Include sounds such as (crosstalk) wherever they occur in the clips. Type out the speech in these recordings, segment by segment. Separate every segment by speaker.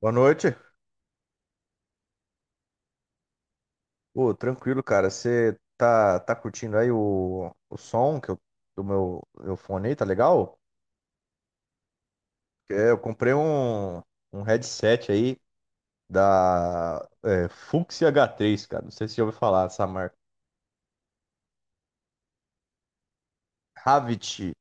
Speaker 1: Boa noite. Ô, tranquilo, cara. Você tá curtindo aí o som que eu, do meu fone aí, tá legal? Eu comprei um headset aí da Fuxi H3, cara. Não sei se você já ouviu falar dessa marca. Havit.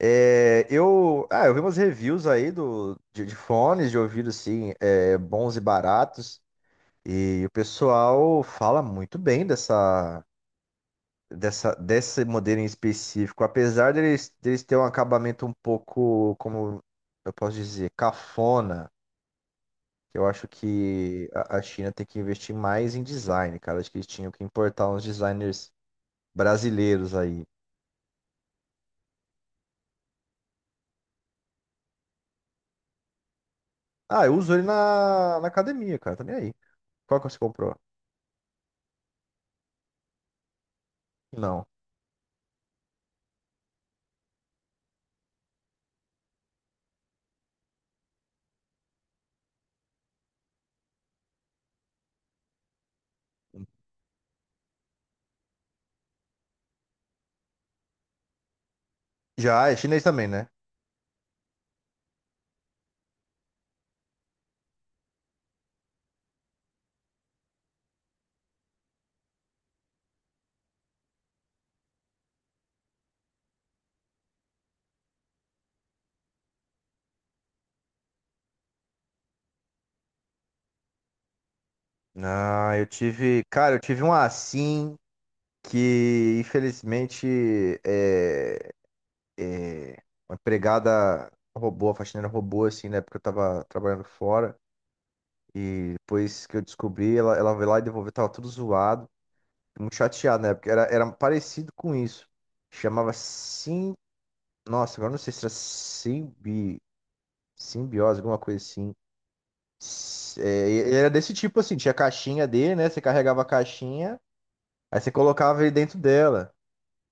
Speaker 1: Eu vi umas reviews aí do, de fones de ouvido, assim, bons e baratos. E o pessoal fala muito bem desse modelo em específico, apesar deles terem um acabamento um pouco, como eu posso dizer, cafona. Eu acho que a China tem que investir mais em design, cara. Acho que eles tinham que importar uns designers brasileiros aí. Ah, eu uso ele na, na academia, cara, tá nem aí. Qual que você comprou? Não. Já, é chinês também, né? Ah, eu tive. Cara, eu tive um assim que, infelizmente, é, é, uma empregada roubou, a faxineira roubou, assim, na época que eu tava trabalhando fora. E depois que eu descobri, ela veio lá e devolveu, tava tudo zoado. Muito chateado, né? Porque era parecido com isso. Chamava sim. Nossa, agora eu não sei se era simbiose, alguma coisa assim. E era desse tipo assim, tinha a caixinha dele, né? Você carregava a caixinha, aí você colocava ele dentro dela.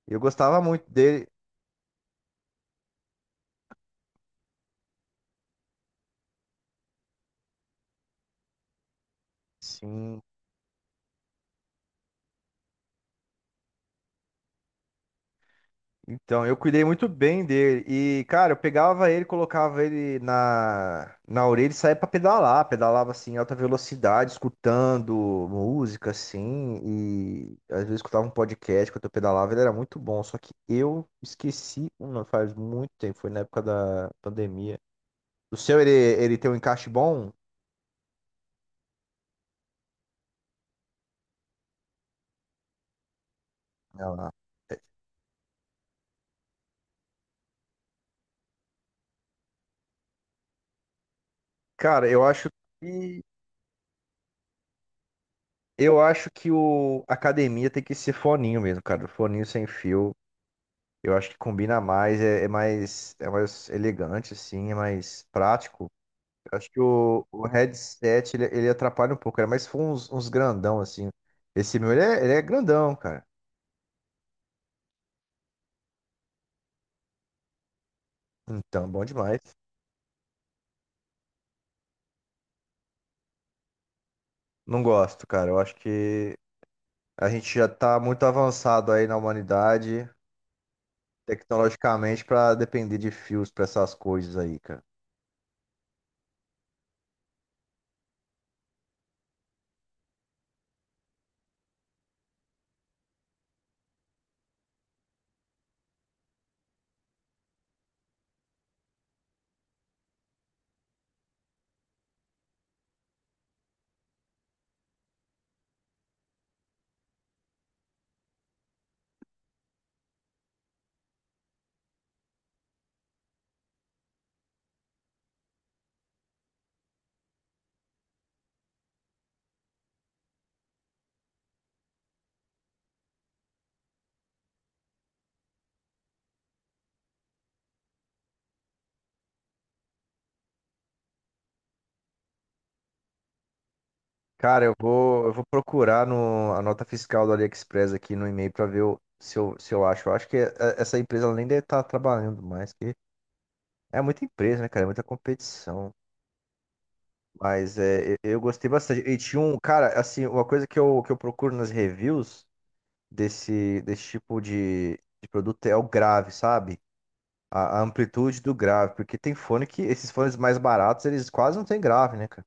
Speaker 1: E eu gostava muito dele. Sim. Então, eu cuidei muito bem dele. E, cara, eu pegava ele, colocava ele na, na orelha e saía pra pedalar. Pedalava, assim, em alta velocidade, escutando música, assim. E às vezes escutava um podcast quando eu pedalava. Ele era muito bom. Só que eu esqueci, uma faz muito tempo. Foi na época da pandemia. O seu, ele tem um encaixe bom? Ela- Cara, que... Eu acho que o a academia tem que ser foninho mesmo, cara. Foninho sem fio. Eu acho que combina mais, é mais elegante, assim, é mais prático. Eu acho que o headset, ele atrapalha um pouco, cara, mas se uns, uns grandão, assim. Esse meu, ele é grandão, cara. Então, bom demais. Não gosto, cara. Eu acho que a gente já tá muito avançado aí na humanidade, tecnologicamente, pra depender de fios pra essas coisas aí, cara. Cara, eu vou procurar no, a nota fiscal do AliExpress aqui no e-mail para ver se eu acho. Eu acho que essa empresa ela nem deve estar trabalhando mais, que é muita empresa, né, cara? É muita competição. Mas é, eu gostei bastante. E tinha um, cara, assim, uma coisa que que eu procuro nas reviews desse tipo de produto é o grave, sabe? A amplitude do grave. Porque tem fone que, esses fones mais baratos, eles quase não têm grave, né, cara?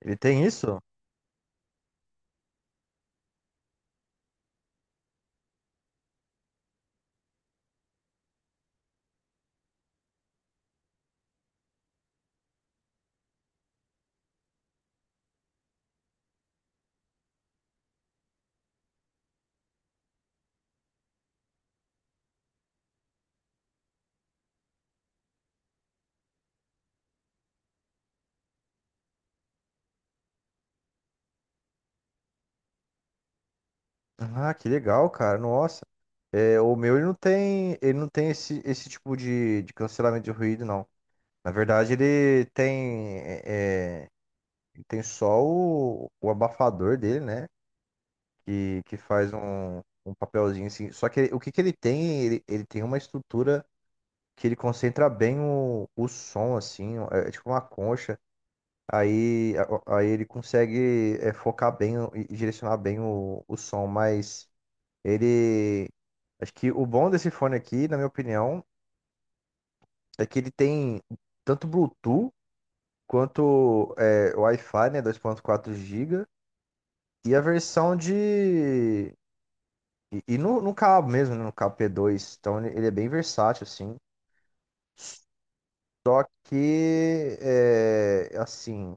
Speaker 1: Ele tem isso? Ah, que legal, cara. Nossa. É, o meu ele não tem esse tipo de cancelamento de ruído, não. Na verdade, ele tem, ele tem só o abafador dele, né? Que faz um, um papelzinho assim. Só que ele- o que, que ele tem? Ele tem uma estrutura que ele concentra bem o som, assim, é tipo uma concha. Aí, aí ele consegue focar bem e direcionar bem o som, mas. Ele. Acho que o bom desse fone aqui, na minha opinião, é que ele tem tanto Bluetooth quanto Wi-Fi, né? 2.4 GB. E a versão de. E no, no cabo mesmo, né, no cabo P2. Então ele é bem versátil, assim. Só que. É, assim.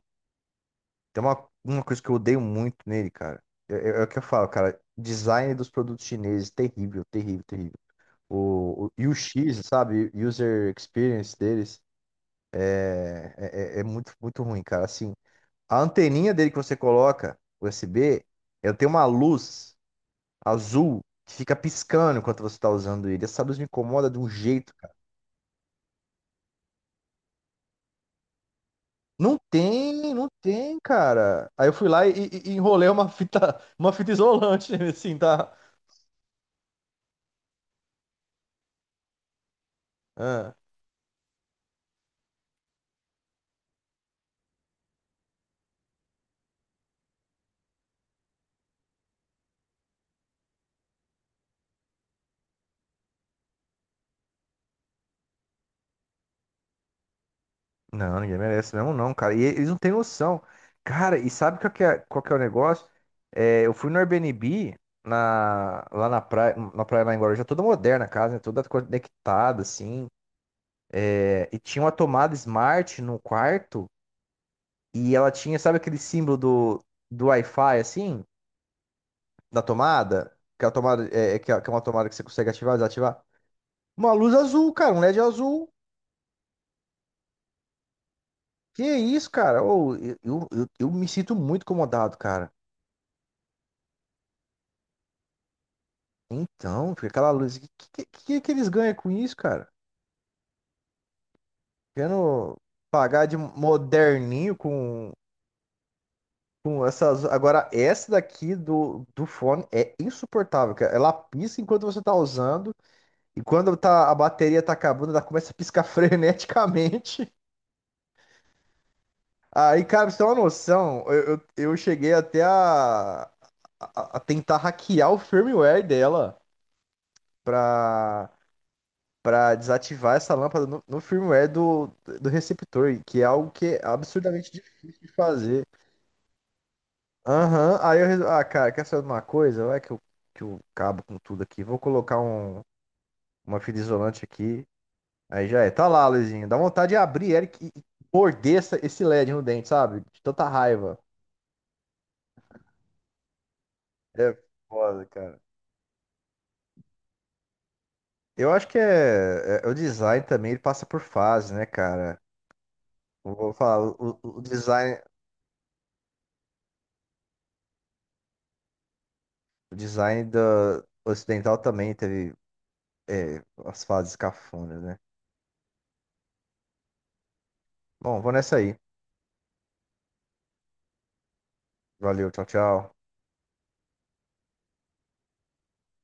Speaker 1: Tem uma coisa que eu odeio muito nele, cara. É o que eu falo, cara. Design dos produtos chineses, terrível, terrível, terrível. E o X, sabe? User Experience deles. É muito, muito ruim, cara. Assim, a anteninha dele que você coloca, USB, ela tem uma luz azul que fica piscando enquanto você tá usando ele. Essa luz me incomoda de um jeito, cara. Não tem, não tem, cara. Aí eu fui lá e enrolei uma fita, (laughs) uma fita isolante, (laughs) assim, tá? Ah. Não, ninguém merece mesmo não, cara. E eles não têm noção. Cara, e sabe qual que é o negócio? É, eu fui no Airbnb na, lá na praia lá em Guarujá, toda moderna a casa, né? Toda conectada, assim. É, e tinha uma tomada Smart no quarto e ela tinha, sabe aquele símbolo do Wi-Fi, assim, da tomada? Que é, a tomada que é uma tomada que você consegue ativar desativar. Uma luz azul, cara, um LED azul. Que isso, cara? Ô, eu me sinto muito incomodado, cara. Então, fica aquela luz. O que eles ganham com isso, cara? Querendo pagar de moderninho com essas. Agora, essa daqui do fone é insuportável, cara. Ela pisca enquanto você tá usando. E quando tá, a bateria tá acabando, ela começa a piscar (laughs) freneticamente. Aí, cara, pra você ter uma noção, eu cheguei até a tentar hackear o firmware dela. Pra, Para desativar essa lâmpada no, no firmware do receptor, que é algo que é absurdamente difícil de fazer. Aham, aí eu resolvi, ah, cara, quer saber de uma coisa? Que eu cabo com tudo aqui. Vou colocar um, uma fita isolante aqui. Aí já é. Tá lá, Luizinho. Dá vontade de abrir Eric e morder esse LED no dente, sabe? De tanta raiva. É foda, cara. Eu acho que o design também, ele passa por fases, né, cara? Eu vou falar, o design da ocidental também teve, é, as fases cafonas, né? Bom, vou nessa aí. Valeu, tchau, tchau.